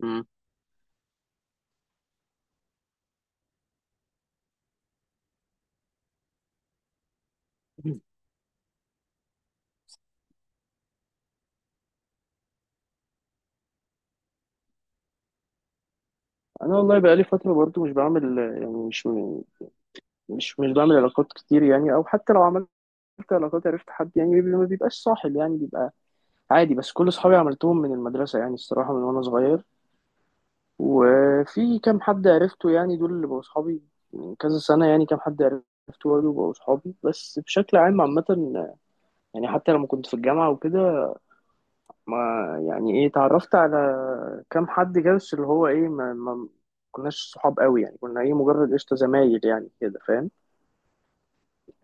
مم. انا والله بقالي فتره برضو مش بعمل، يعني مش بعمل علاقات كتير. يعني او حتى لو عملت علاقات عرفت حد، يعني ما بيبقاش صاحب، يعني بيبقى عادي. بس كل اصحابي عملتهم من المدرسه، يعني الصراحه من وانا صغير. وفي كام حد عرفته، يعني دول اللي بقوا صحابي من كذا سنه. يعني كام حد عرفته برضه بقوا صحابي، بس بشكل عام عامه يعني. حتى لما كنت في الجامعه وكده، ما يعني ايه اتعرفت على كام حد كده. بس اللي هو ايه، ما كناش صحاب قوي. يعني كنا ايه مجرد قشطة زمايل يعني كده، فاهم؟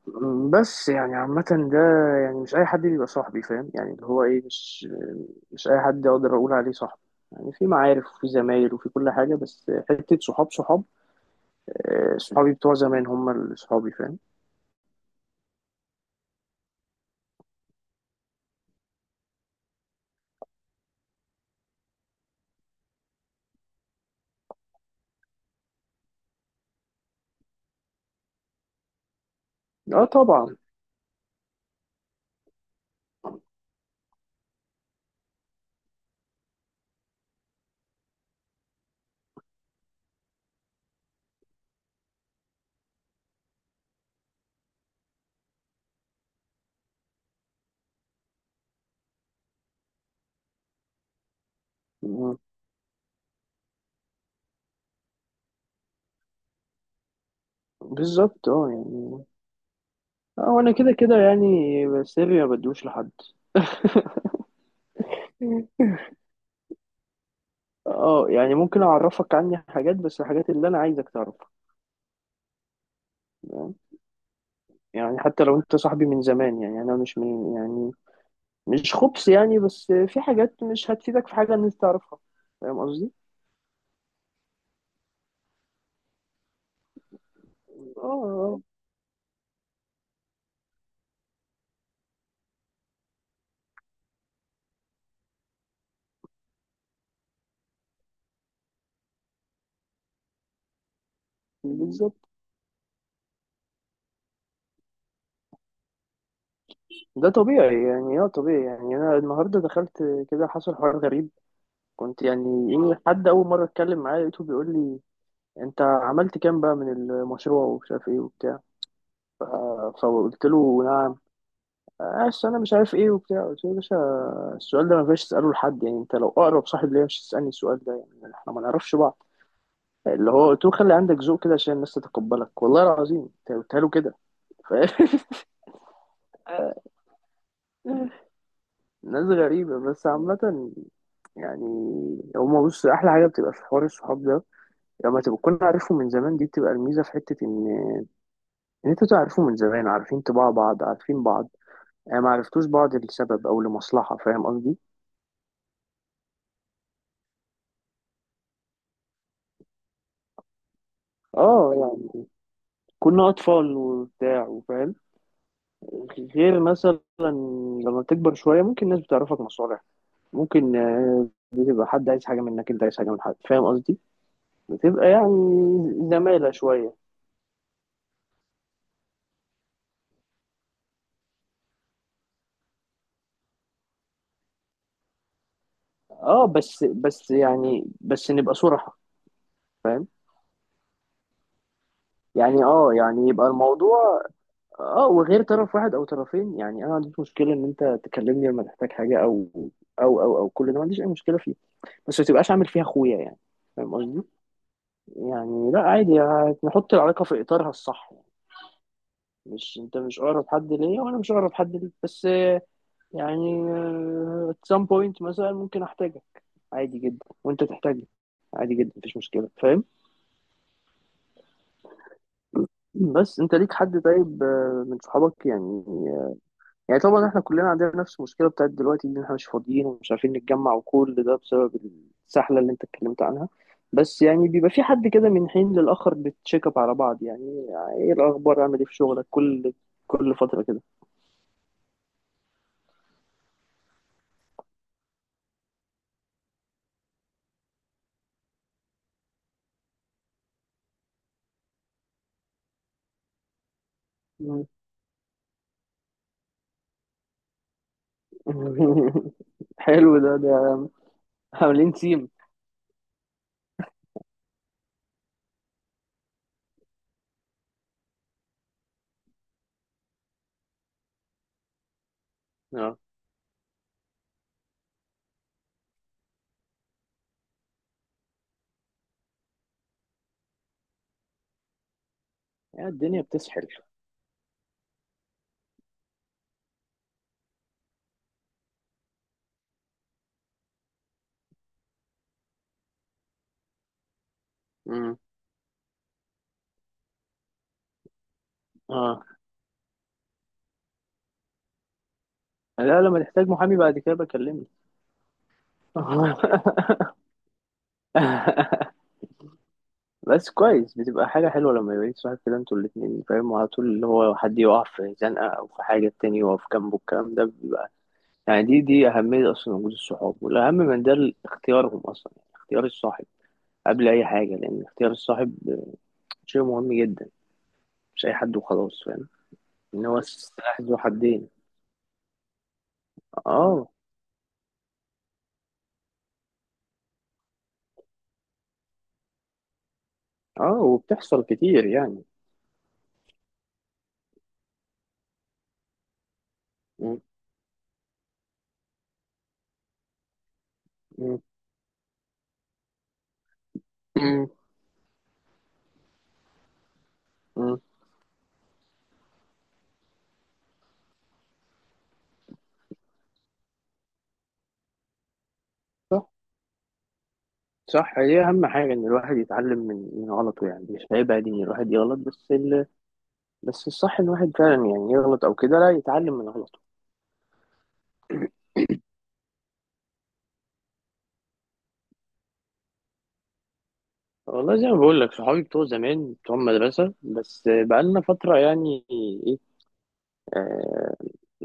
بس يعني عامة ده، يعني مش أي حد بيبقى صاحبي، فاهم؟ يعني اللي هو ايه، مش أي حد أقدر أقول عليه صاحبي. يعني في معارف وفي زمايل وفي كل حاجة، بس حتة صحاب صحاب، صحابي بتوع زمان هم اللي صحابي، فاهم؟ اه طبعا. م، بالظبط، اه يعني. اه وانا كده كده، يعني سري ما بدوش لحد. اه، يعني ممكن اعرفك عني حاجات، بس الحاجات اللي انا عايزك تعرفها. تمام؟ يعني حتى لو انت صاحبي من زمان، يعني انا مش من يعني، مش خبص يعني، بس في حاجات مش هتفيدك في حاجه ان انت تعرفها، فاهم قصدي؟ اه آه، بالظبط. ده طبيعي يعني، اه طبيعي. يعني انا النهارده دخلت كده حصل حوار غريب. كنت يعني إيه، حد اول مره اتكلم معاه لقيته بيقول لي، انت عملت كام بقى من المشروع ومش عارف ايه وبتاع. ف- فقلت له نعم؟ اصل انا مش عارف ايه وبتاع. قلت له يا باشا، السؤال ده ما ينفعش تساله لحد، يعني انت لو اقرب صاحب ليا مش تسالني السؤال ده، يعني احنا ما نعرفش بعض. اللي هو قلت له خلي عندك ذوق كده عشان الناس تتقبلك. والله العظيم انت قلت له كده، فاهم؟ ناس غريبه، بس عامه يعني. هما بص، احلى حاجه بتبقى في حوار الصحاب ده لما تبقى تكون عارفهم من زمان، دي بتبقى الميزه، في حته ان انتوا تعرفوا من زمان، عارفين طباع بعض، عارفين بعض. ما عرفتوش بعض لسبب او لمصلحه، فاهم قصدي؟ اه، يعني كنا أطفال وبتاع، وفاهم. غير مثلا لما تكبر شوية ممكن الناس بتعرفك مصالح. ممكن بتبقى حد عايز حاجة منك، أنت عايز حاجة من حد، فاهم قصدي؟ بتبقى يعني زمالة شوية. اه بس نبقى صراحة، فاهم؟ يعني اه، يعني يبقى الموضوع اه، وغير طرف واحد او طرفين. يعني انا ما عنديش مشكله ان انت تكلمني لما تحتاج حاجه، او كل ده ما عنديش اي مشكله فيه، بس ما تبقاش عامل فيها اخويا يعني، فاهم قصدي؟ يعني لا عادي، يعني نحط العلاقة في إطارها الصح يعني. مش انت مش اقرب حد ليا، وانا مش اقرب حد ليك، بس يعني at some point مثلا ممكن احتاجك، عادي جدا، وانت تحتاجني عادي جدا، مفيش مشكلة، فاهم؟ بس انت ليك حد طيب، من صحابك؟ يعني، يعني طبعا احنا كلنا عندنا نفس المشكله بتاعت دلوقتي، ان احنا مش فاضيين ومش عارفين نتجمع، وكل ده بسبب السحله اللي انت اتكلمت عنها. بس يعني بيبقى في حد كده من حين للاخر بتشيك اب على بعض. يعني ايه الاخبار، عامل ايه في شغلك، كل فتره كده. مم. حلو. ده عاملين تيم. اه، يا الدنيا بتسحل. امم. اه، لا لما تحتاج محامي بعد كده بكلمني. بس كويس بتبقى حاجة حلوة لما يبقى ليك صاحب كده انتوا الاتنين، فاهم على طول اللي هو حد يقع في زنقة أو في حاجة التاني يقف جنبه، الكلام ده بيبقى يعني دي أهمية أصلا وجود الصحاب. والأهم من ده اختيارهم أصلا، يعني اختيار الصاحب قبل أي حاجة، لأن اختيار الصاحب شيء مهم جدا. مش أي حد وخلاص، فاهم؟ إن هو سلاح ذو حدين. اه اه، وبتحصل كتير يعني. م- م- م- م. صح، صح، هي أهم حاجة إن الواحد يتعلم من غلطه. يعني مش عيب عادي إن الواحد يغلط، بس الصح ان الواحد فعلا، يعني يغلط او كده، لا يتعلم من غلطه. والله زي ما بقول لك، صحابي بتوع زمان بتوع المدرسه، بس بقالنا فتره يعني ايه، آه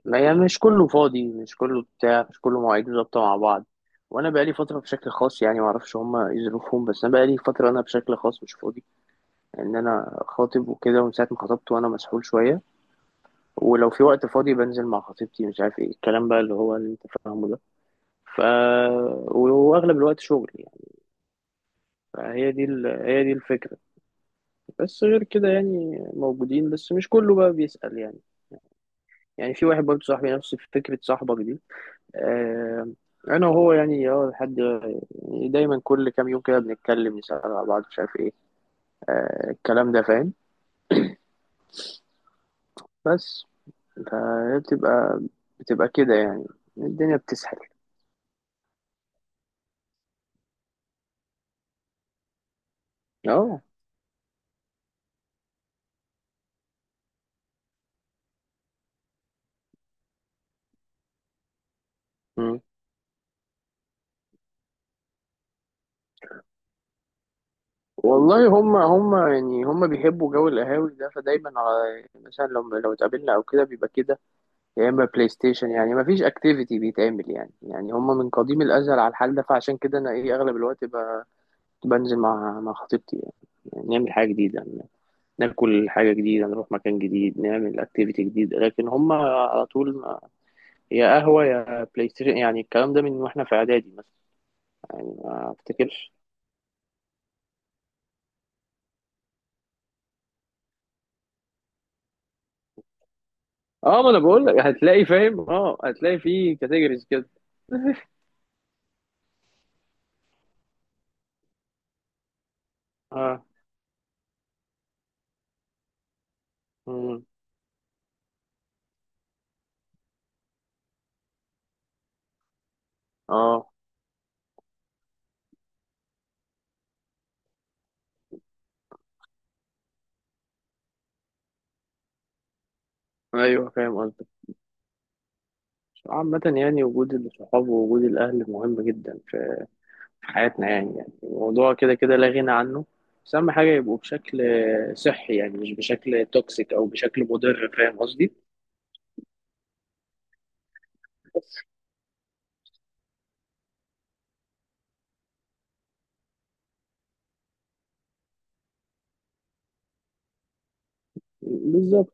ما يعني مش كله فاضي، مش كله بتاع، مش كله مواعيده ظابطه مع بعض. وانا بقالي فتره بشكل خاص، يعني ما اعرفش هما ايه ظروفهم، بس انا بقالي فتره انا بشكل خاص مش فاضي. يعني ان انا خاطب وكده، ومن ساعه ما خطبت وانا مسحول شويه. ولو في وقت فاضي بنزل مع خطيبتي، مش عارف ايه الكلام بقى اللي هو اللي انت فاهمه ده. ف واغلب الوقت شغل يعني. فهي دي هي دي الفكرة. بس غير كده يعني موجودين، بس مش كله بقى بيسأل يعني. يعني في واحد برضه صاحبي نفس فكرة صاحبك دي. آه... أنا وهو يعني اه لحد، يعني دايما كل كام يوم كده بنتكلم نسأل على بعض مش عارف ايه. الكلام ده، فاهم؟ بس فهي بتبقى كده يعني، الدنيا بتسحل. اه. مم. والله هم بيحبوا جو القهاوي ده، فدايما على مثلا لو اتقابلنا او كده بيبقى كده، يا اما بلاي ستيشن. يعني ما فيش اكتيفيتي بيتعمل يعني، يعني هم من قديم الازل على الحال ده. فعشان كده انا ايه اغلب الوقت بنزل مع خطيبتي يعني. يعني نعمل حاجه جديده، ناكل حاجه جديده، نروح مكان جديد، نعمل اكتيفيتي جديد. لكن هم على طول يا قهوه يا بلاي ستيشن. يعني الكلام ده من واحنا في اعدادي مثلا، يعني ما افتكرش. اه، ما انا بقول لك هتلاقي، فاهم، اه هتلاقي في كاتيجوريز كده. اه. مم. اه ايوه فاهم قصدك. عامة يعني وجود الصحاب ووجود الأهل مهم جدا في حياتنا يعني، يعني الموضوع كده كده لا غنى عنه. بس أهم حاجة يبقوا بشكل صحي، يعني مش بشكل توكسيك أو بشكل مضر، فاهم قصدي؟ بالظبط،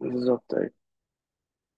بالظبط.